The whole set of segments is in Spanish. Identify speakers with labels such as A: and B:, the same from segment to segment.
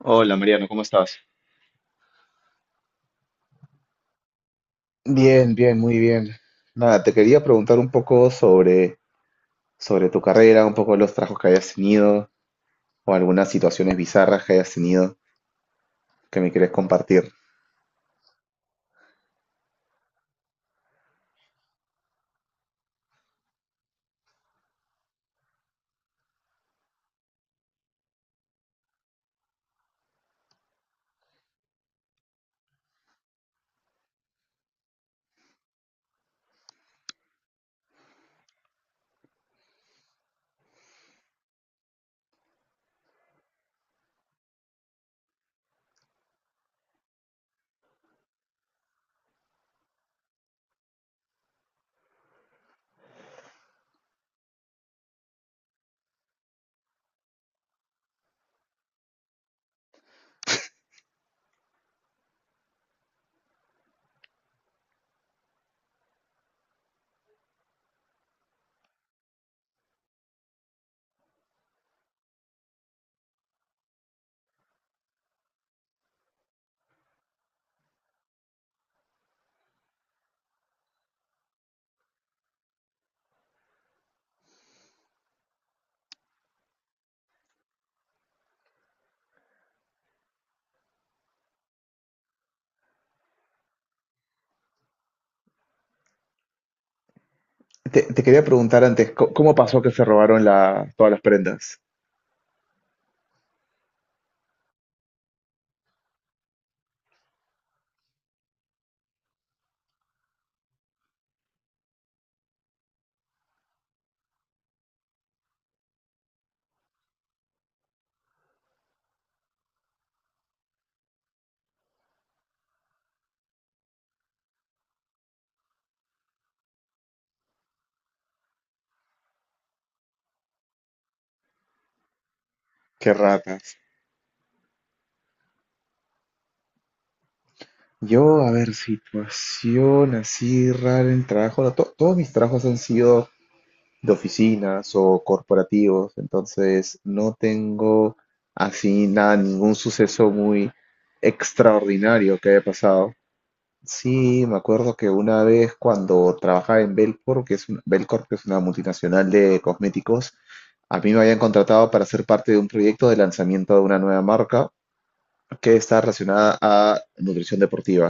A: Hola Mariano, ¿cómo estás? Bien, nada, te quería preguntar algo sobre tu carrera, un poco los trabajos que hayas tenido o algunas situaciones bizarras que hayas tenido que me quieres compartir. Te quería preguntar antes, ¿cómo pasó que se robaron todas las prendas? Qué ratas. Yo, a ver, situación así rara en el trabajo. No, todos mis trabajos han sido de oficinas o corporativos, entonces no tengo así nada, ningún suceso muy extraordinario que haya pasado. Sí, me acuerdo que una vez cuando trabajaba en Belcorp, Belcorp, que es una multinacional de cosméticos, a mí me habían contratado para ser parte de un proyecto de lanzamiento de una nueva marca que está relacionada a nutrición deportiva.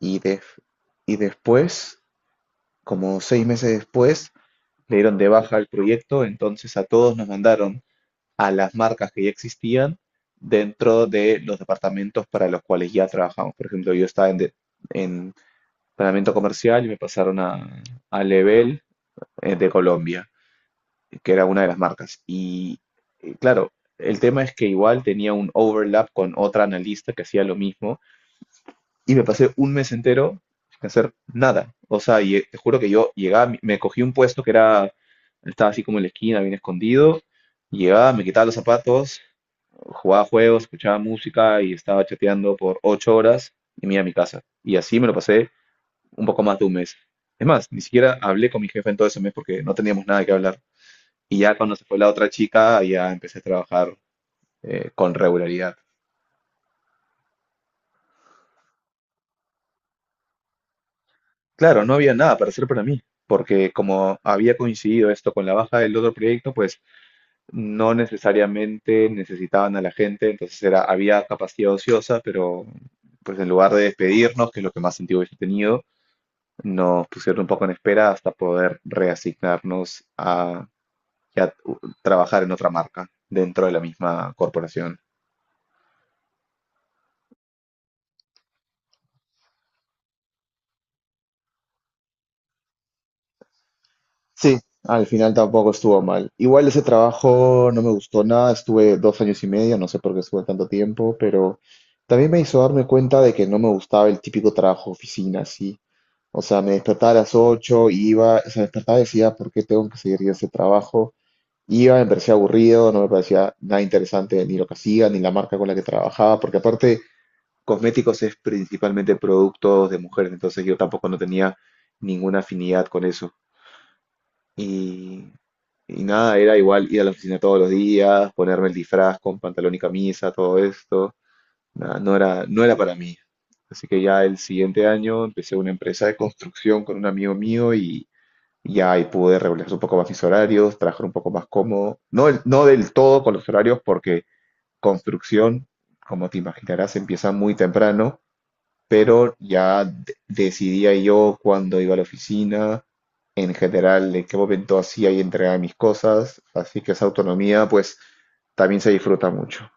A: Y, de- y después, como 6 meses después, le dieron de baja el proyecto, entonces a todos nos mandaron a las marcas que ya existían dentro de los departamentos para los cuales ya trabajamos. Por ejemplo, yo estaba en planeamiento comercial y me pasaron a Level de Colombia, que era una de las marcas. Y claro, el tema es que igual tenía un overlap con otra analista que hacía lo mismo y me pasé un mes entero sin hacer nada. O sea, te juro que yo llegaba, me cogí un puesto que era, estaba así como en la esquina, bien escondido, llegaba, me quitaba los zapatos, jugaba juegos, escuchaba música y estaba chateando por 8 horas y me iba a mi casa. Y así me lo pasé un poco más de un mes. Es más, ni siquiera hablé con mi jefe en todo ese mes porque no teníamos nada que hablar. Y ya cuando se fue la otra chica, ya empecé a trabajar con regularidad. Claro, no había nada para hacer para mí, porque como había coincidido esto con la baja del otro proyecto, pues no necesariamente necesitaban a la gente, entonces era, había capacidad ociosa, pero pues en lugar de despedirnos, que es lo que más sentido hubiese tenido, nos pusieron un poco en espera hasta poder reasignarnos a trabajar en otra marca dentro de la misma corporación. Sí, al final tampoco estuvo mal. Igual ese trabajo no me gustó nada, estuve 2 años y medio, no sé por qué estuve tanto tiempo, pero también me hizo darme cuenta de que no me gustaba el típico trabajo oficina, así. O sea, me despertaba a las 8, iba, se despertaba y decía, ¿por qué tengo que seguir yo ese trabajo? Iba, me parecía aburrido, no me parecía nada interesante ni lo que hacía, ni la marca con la que trabajaba, porque aparte cosméticos es principalmente productos de mujeres, entonces yo tampoco no tenía ninguna afinidad con eso. Y, y nada, era igual ir a la oficina todos los días, ponerme el disfraz con pantalón y camisa, todo esto. Nada, no era para mí. Así que ya el siguiente año empecé una empresa de construcción con un amigo mío y ahí pude regular un poco más mis horarios, trabajar un poco más cómodo. No, no del todo con los horarios, porque construcción, como te imaginarás, empieza muy temprano, pero decidía yo cuándo iba a la oficina, en general, en qué momento hacía y entregaba mis cosas. Así que esa autonomía, pues, también se disfruta mucho.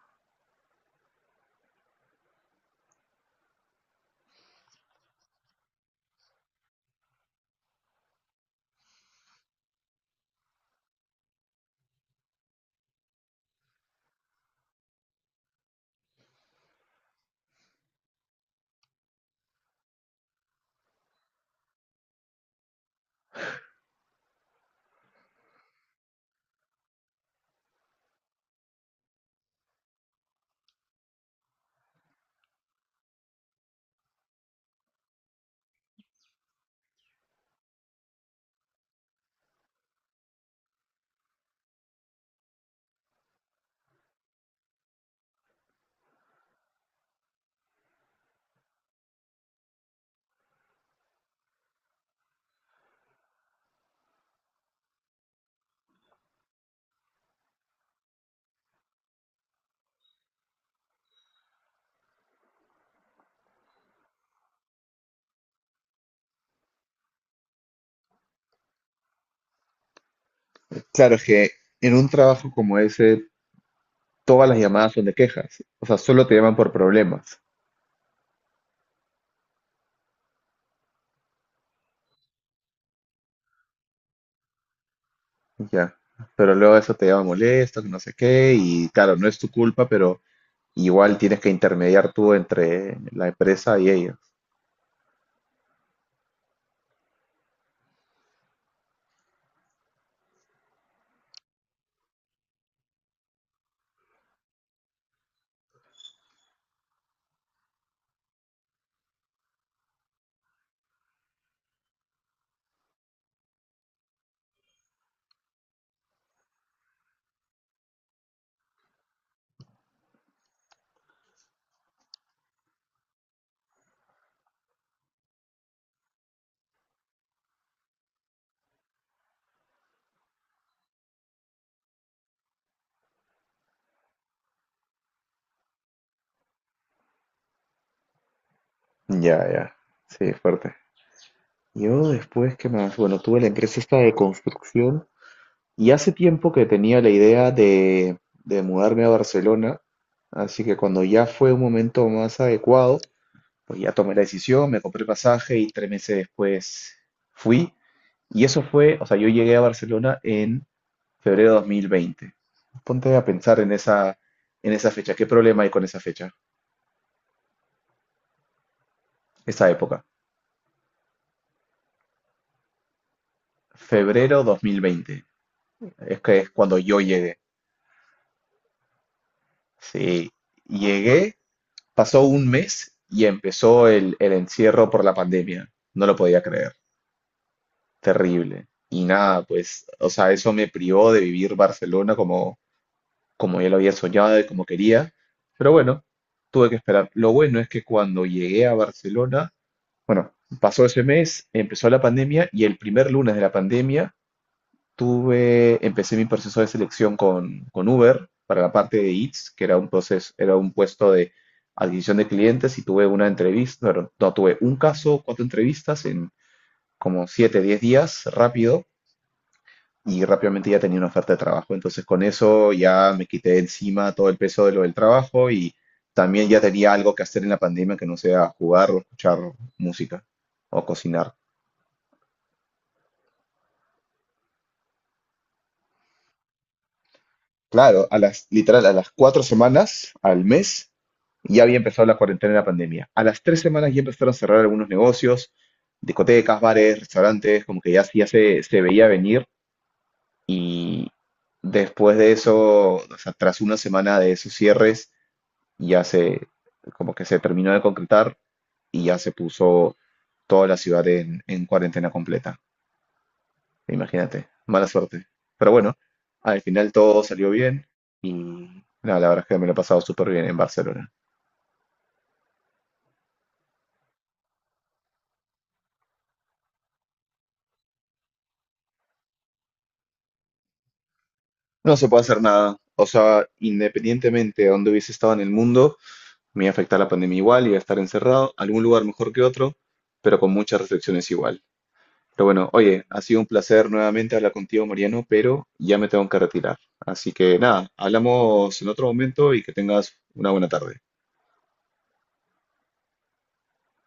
A: Claro, es que en un trabajo como ese, todas las llamadas son de quejas. O sea, solo te llaman por problemas. Ya, pero luego eso te lleva molesto, que no sé qué, y claro, no es tu culpa, pero igual tienes que intermediar tú entre la empresa y ellos. Ya, ya, sí, fuerte. Yo después, ¿qué más? Bueno, tuve la empresa esta de construcción y hace tiempo que tenía la idea de mudarme a Barcelona, así que cuando ya fue un momento más adecuado, pues ya tomé la decisión, me compré pasaje y 3 meses después fui. Y eso fue, o sea, yo llegué a Barcelona en febrero 2020. Ponte a pensar en en esa fecha. ¿Qué problema hay con esa fecha? Esa época. Febrero 2020. Es que es cuando yo llegué. Sí, llegué, pasó un mes y empezó el encierro por la pandemia. No lo podía creer. Terrible. Y nada, pues, o sea, eso me privó de vivir Barcelona como, como yo lo había soñado y como quería. Pero bueno, tuve que esperar. Lo bueno es que cuando llegué a Barcelona, bueno, pasó ese mes, empezó la pandemia y el primer lunes de la pandemia empecé mi proceso de selección con Uber para la parte de Eats, que era un proceso, era un puesto de adquisición de clientes y tuve una entrevista, bueno, no, tuve un caso, 4 entrevistas en como 7, 10 días rápido y rápidamente ya tenía una oferta de trabajo. Entonces con eso ya me quité de encima todo el peso de lo del trabajo y también ya tenía algo que hacer en la pandemia que no sea jugar o escuchar música o cocinar. Claro, a las, literal, a las 4 semanas, al mes, ya había empezado la cuarentena y la pandemia. A las 3 semanas ya empezaron a cerrar algunos negocios, discotecas, bares, restaurantes, como que ya se veía venir. Y después de eso, o sea, tras una semana de esos cierres, ya se, como que se terminó de concretar y ya se puso toda la ciudad en cuarentena completa. Imagínate, mala suerte. Pero bueno, al final todo salió bien y nada, la verdad es que me lo he pasado súper bien en Barcelona. No se puede hacer nada. O sea, independientemente de dónde hubiese estado en el mundo, me iba a afectar la pandemia igual, iba a estar encerrado, algún lugar mejor que otro, pero con muchas restricciones igual. Pero bueno, oye, ha sido un placer nuevamente hablar contigo, Mariano, pero ya me tengo que retirar. Así que nada, hablamos en otro momento y que tengas una buena tarde.